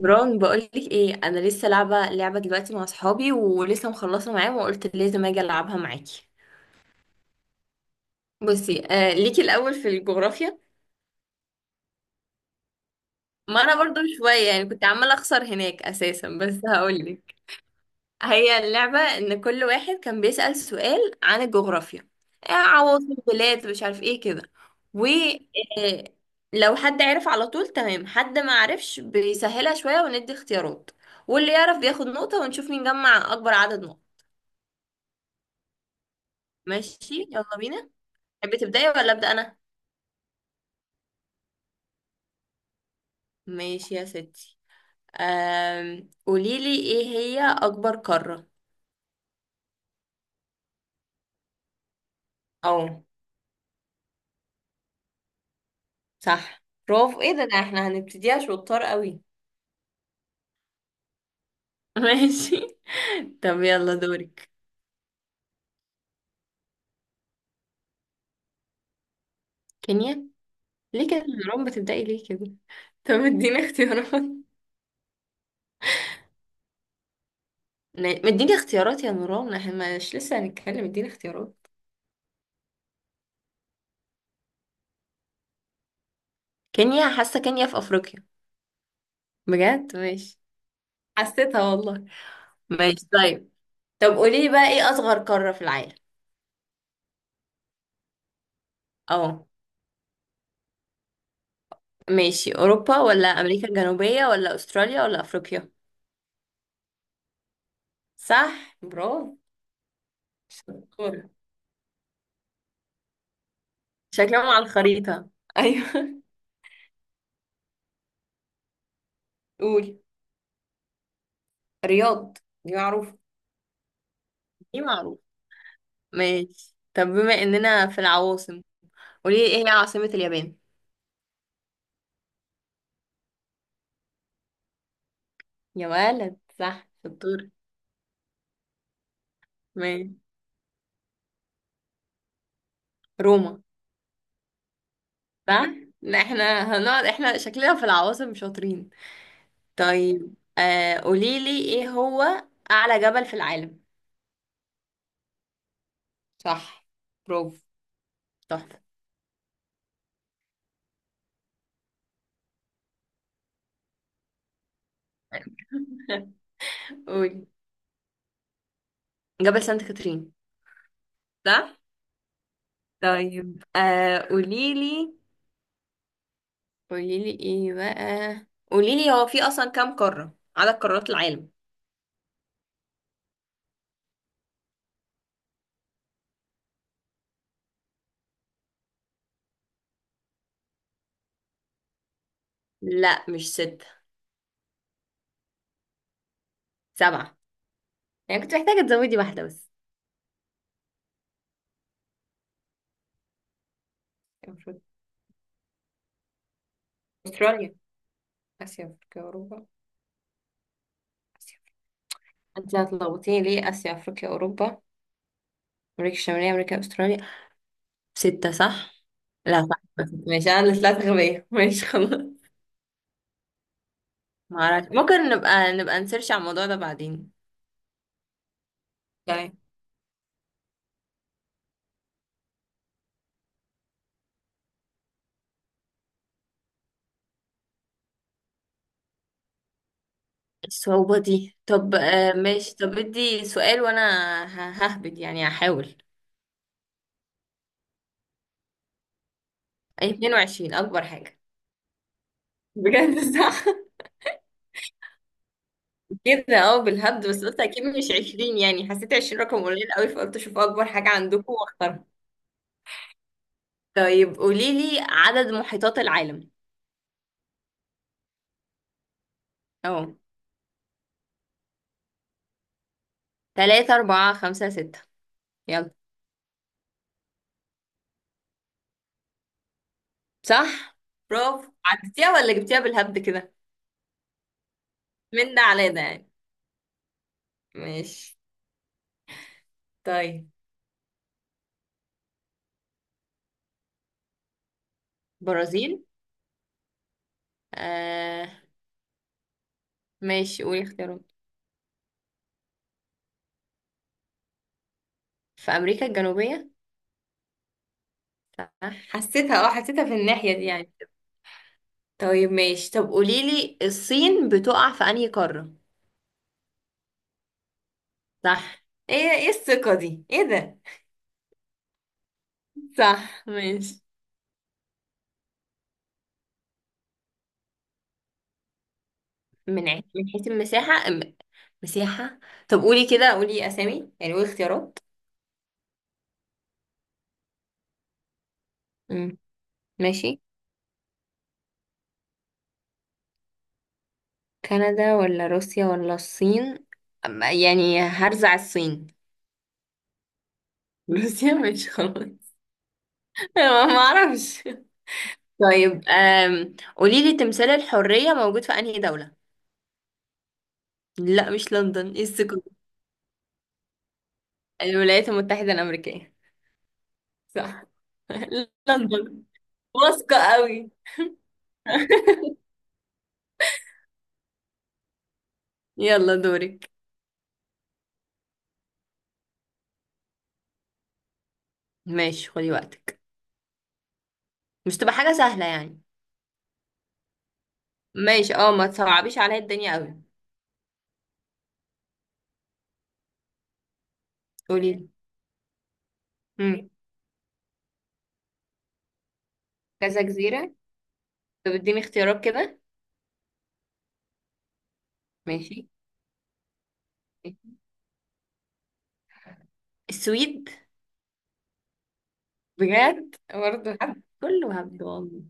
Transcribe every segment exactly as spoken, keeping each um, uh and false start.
بران، بقولك ايه، انا لسه لعبه لعبه دلوقتي مع اصحابي ولسه مخلصه معاهم وقلت لازم اجي العبها معاكي. بصي، آه ليكي الاول في الجغرافيا. ما انا برضو شويه يعني، كنت عماله اخسر هناك اساسا، بس هقولك. هي اللعبه ان كل واحد كان بيسأل سؤال عن الجغرافيا، آه عواصم بلاد، مش عارف ايه كده، و آه لو حد عرف على طول تمام، حد ما عرفش بيسهلها شويه وندي اختيارات، واللي يعرف بياخد نقطه، ونشوف مين جمع اكبر عدد نقط. ماشي يلا بينا. تحبي تبداي ولا ابدا انا؟ ماشي يا ستي. أم... قوليلي ايه هي اكبر قارة؟ او، صح، برافو. ايه ده، ده احنا هنبتديها شطار قوي. ماشي. طب يلا دورك. كينيا؟ ليه كده يا نوران؟ بتبدأي ليه كده؟ طب اديني اختيارات. ن- مديني اختيارات يا نوران، احنا مش لسه هنتكلم، اديني اختيارات. كينيا، حاسة كينيا في افريقيا. بجد، ماشي. حسيتها والله. ماشي طيب. طب قولي لي بقى، ايه اصغر قارة في العالم؟ اه. ماشي، اوروبا ولا امريكا الجنوبية ولا استراليا ولا افريقيا؟ صح، برافو. شطورة. شكلهم على الخريطة؟ ايوه. قول. رياض، دي معروفة. دي معروف. ماشي، طب بما اننا في العواصم، قولي لي ايه هي عاصمة اليابان؟ يا ولد صح، شطور. ماشي. روما. صح. لا احنا هنقعد، احنا شكلنا في العواصم شاطرين. طيب، آه قولي لي ايه هو اعلى جبل في العالم؟ صح، برافو، تحفة. قولي. جبل سانت كاترين. صح. طيب، آه قوليلي، قوليلي ايه بقى، قوليلي هو في اصلا كام قارة، عدد قارات العالم؟ لا، مش ستة. سبعة. يعني كنت محتاجة تزودي واحدة بس. المفروض استراليا، اسيا، افريقيا، اوروبا، اسيا. انت هتلخبطيني ليه؟ اسيا، افريقيا، اوروبا، امريكا الشمالية، امريكا، استراليا. ستة، صح. لا صح. ماشي، انا اللي طلعت غبية، ماشي خلاص. معرفش، ممكن نبقى نبقى نسيرش على الموضوع ده بعدين. تمام. الصعوبة دي؟ طب آه ماشي، طب ادي سؤال وانا. ه- ههبد يعني، هحاول. أي، اثنين وعشرين اكبر حاجة. بجد، صح. كده اه، بالهبد، بس قلت اكيد مش عشرين يعني، حسيت عشرين رقم قليل قوي، فقلت اشوف اكبر حاجة عندكم واختارها. طيب، قولي لي عدد محيطات العالم. اهو. ثلاثة، اربعة، خمسة، ستة. يلا. صح، برافو. عدتيها ولا جبتيها بالهبد كده؟ من ده على ده يعني. ماشي. طيب. برازيل. آه ماشي، قولي اختيارات. في امريكا الجنوبية. صح. حسيتها، اه حسيتها في الناحية دي يعني. طيب ماشي، طب قوليلي الصين بتقع في انهي قارة؟ صح. ايه ايه الثقة دي؟ ايه ده. صح ماشي. من عي- من حيث المساحة؟ أم- مساحة. طب قولي كده، قولي أسامي يعني، قول اختيارات. مم. ماشي. كندا ولا روسيا ولا الصين؟ أم- يعني هرزع الصين. روسيا، ماشي خلاص. ما ما اعرفش. طيب، أم... قولي لي تمثال الحرية موجود في أنهي دولة؟ لا مش لندن، ايه الثقة دي؟ الولايات المتحدة الأمريكية. صح. لندن، واثقة قوي. يلا دورك. ماشي، خدي وقتك. مش تبقى حاجة سهلة يعني. ماشي، اه ما تصعبيش عليا الدنيا قوي. قولي لي. مم. كذا جزيرة. طب اديني اختيارات كده. ماشي. السويد. بجد، برضه حد كله هبد والله.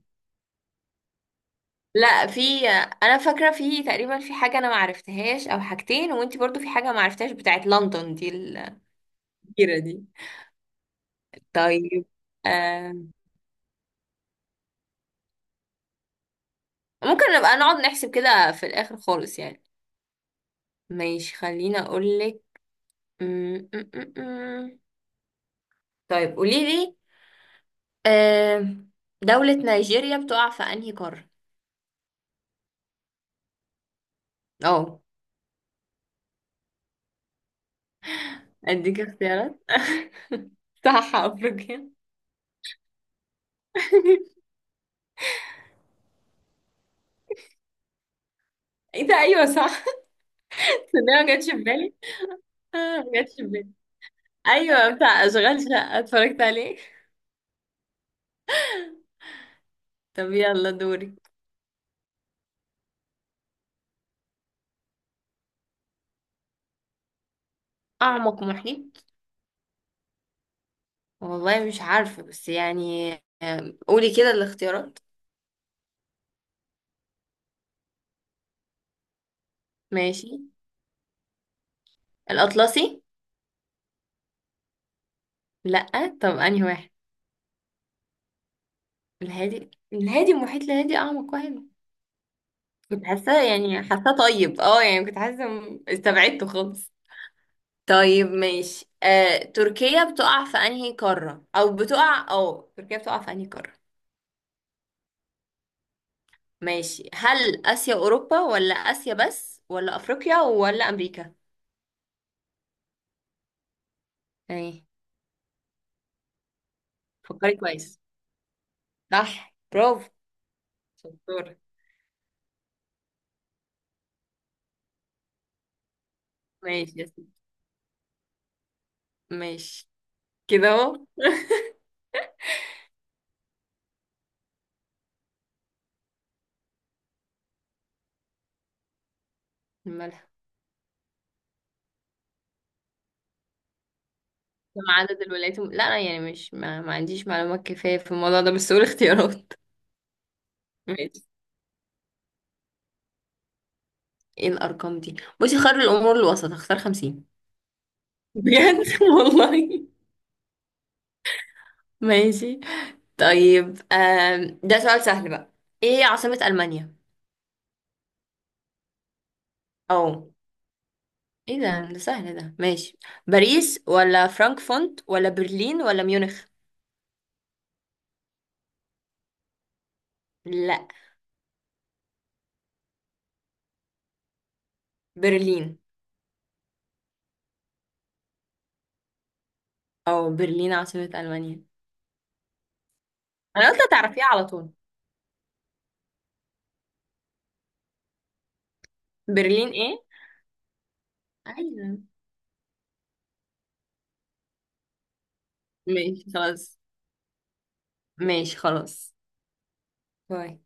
لا، في. انا فاكره، في تقريبا في حاجه انا ما عرفتهاش، او حاجتين، وانتي برضو في حاجه ما عرفتهاش، بتاعت لندن دي، ال... كتيرة دي. طيب آه. ممكن نبقى نقعد نحسب كده في الآخر خالص يعني. ماشي، خليني أقولك. م- م- م- م. طيب قوليلي، آه. دولة نيجيريا بتقع في أنهي قارة؟ اه. أديك اختيارات. صح أفريقيا. ايه ده، ايوه صح. ده ما جاتش في بالي. آه، ما جاتش في بالي. ايوه، بتاع اشغال شقه، اتفرجت عليه. طب يلا دوري. اعمق محيط. والله مش عارفه بس يعني، آم، قولي كده الاختيارات. ماشي. الأطلسي. لأ، طب أنهي واحد؟ الهادي. الهادي، المحيط الهادي أعمق واحد. كنت حاسة يعني، حاسة طيب اه، يعني كنت حاسة، م- استبعدته خالص. طيب ماشي، آه، تركيا بتقع في أنهي قارة، أو بتقع أو تركيا بتقع في أنهي قارة؟ ماشي، هل آسيا أوروبا، ولا آسيا بس، ولا أفريقيا، ولا أمريكا؟ ايه. فكري كويس. صح، برافو، شطورة. ماشي يا سيدي. ماشي، كده اهو. الملح. كم عدد الولايات الم... لا أنا يعني مش، ما, ما عنديش معلومات كفاية في الموضوع ده، بس قول اختيارات. ماشي، ايه الأرقام دي؟ بصي، خير الأمور الوسط، اختار خمسين. بجد، والله. ماشي. طيب آم... ده سؤال سهل بقى، ايه عاصمة ألمانيا؟ أو. ايه ده، ده سهل ده، ماشي. باريس ولا فرانكفورت ولا برلين ولا ميونخ؟ لا. برلين. أو، برلين عاصمة ألمانيا. أنا قلت هتعرفيها على طول. برلين، ايه؟ أيوه. ماشي خلاص. ماشي خلاص. باي.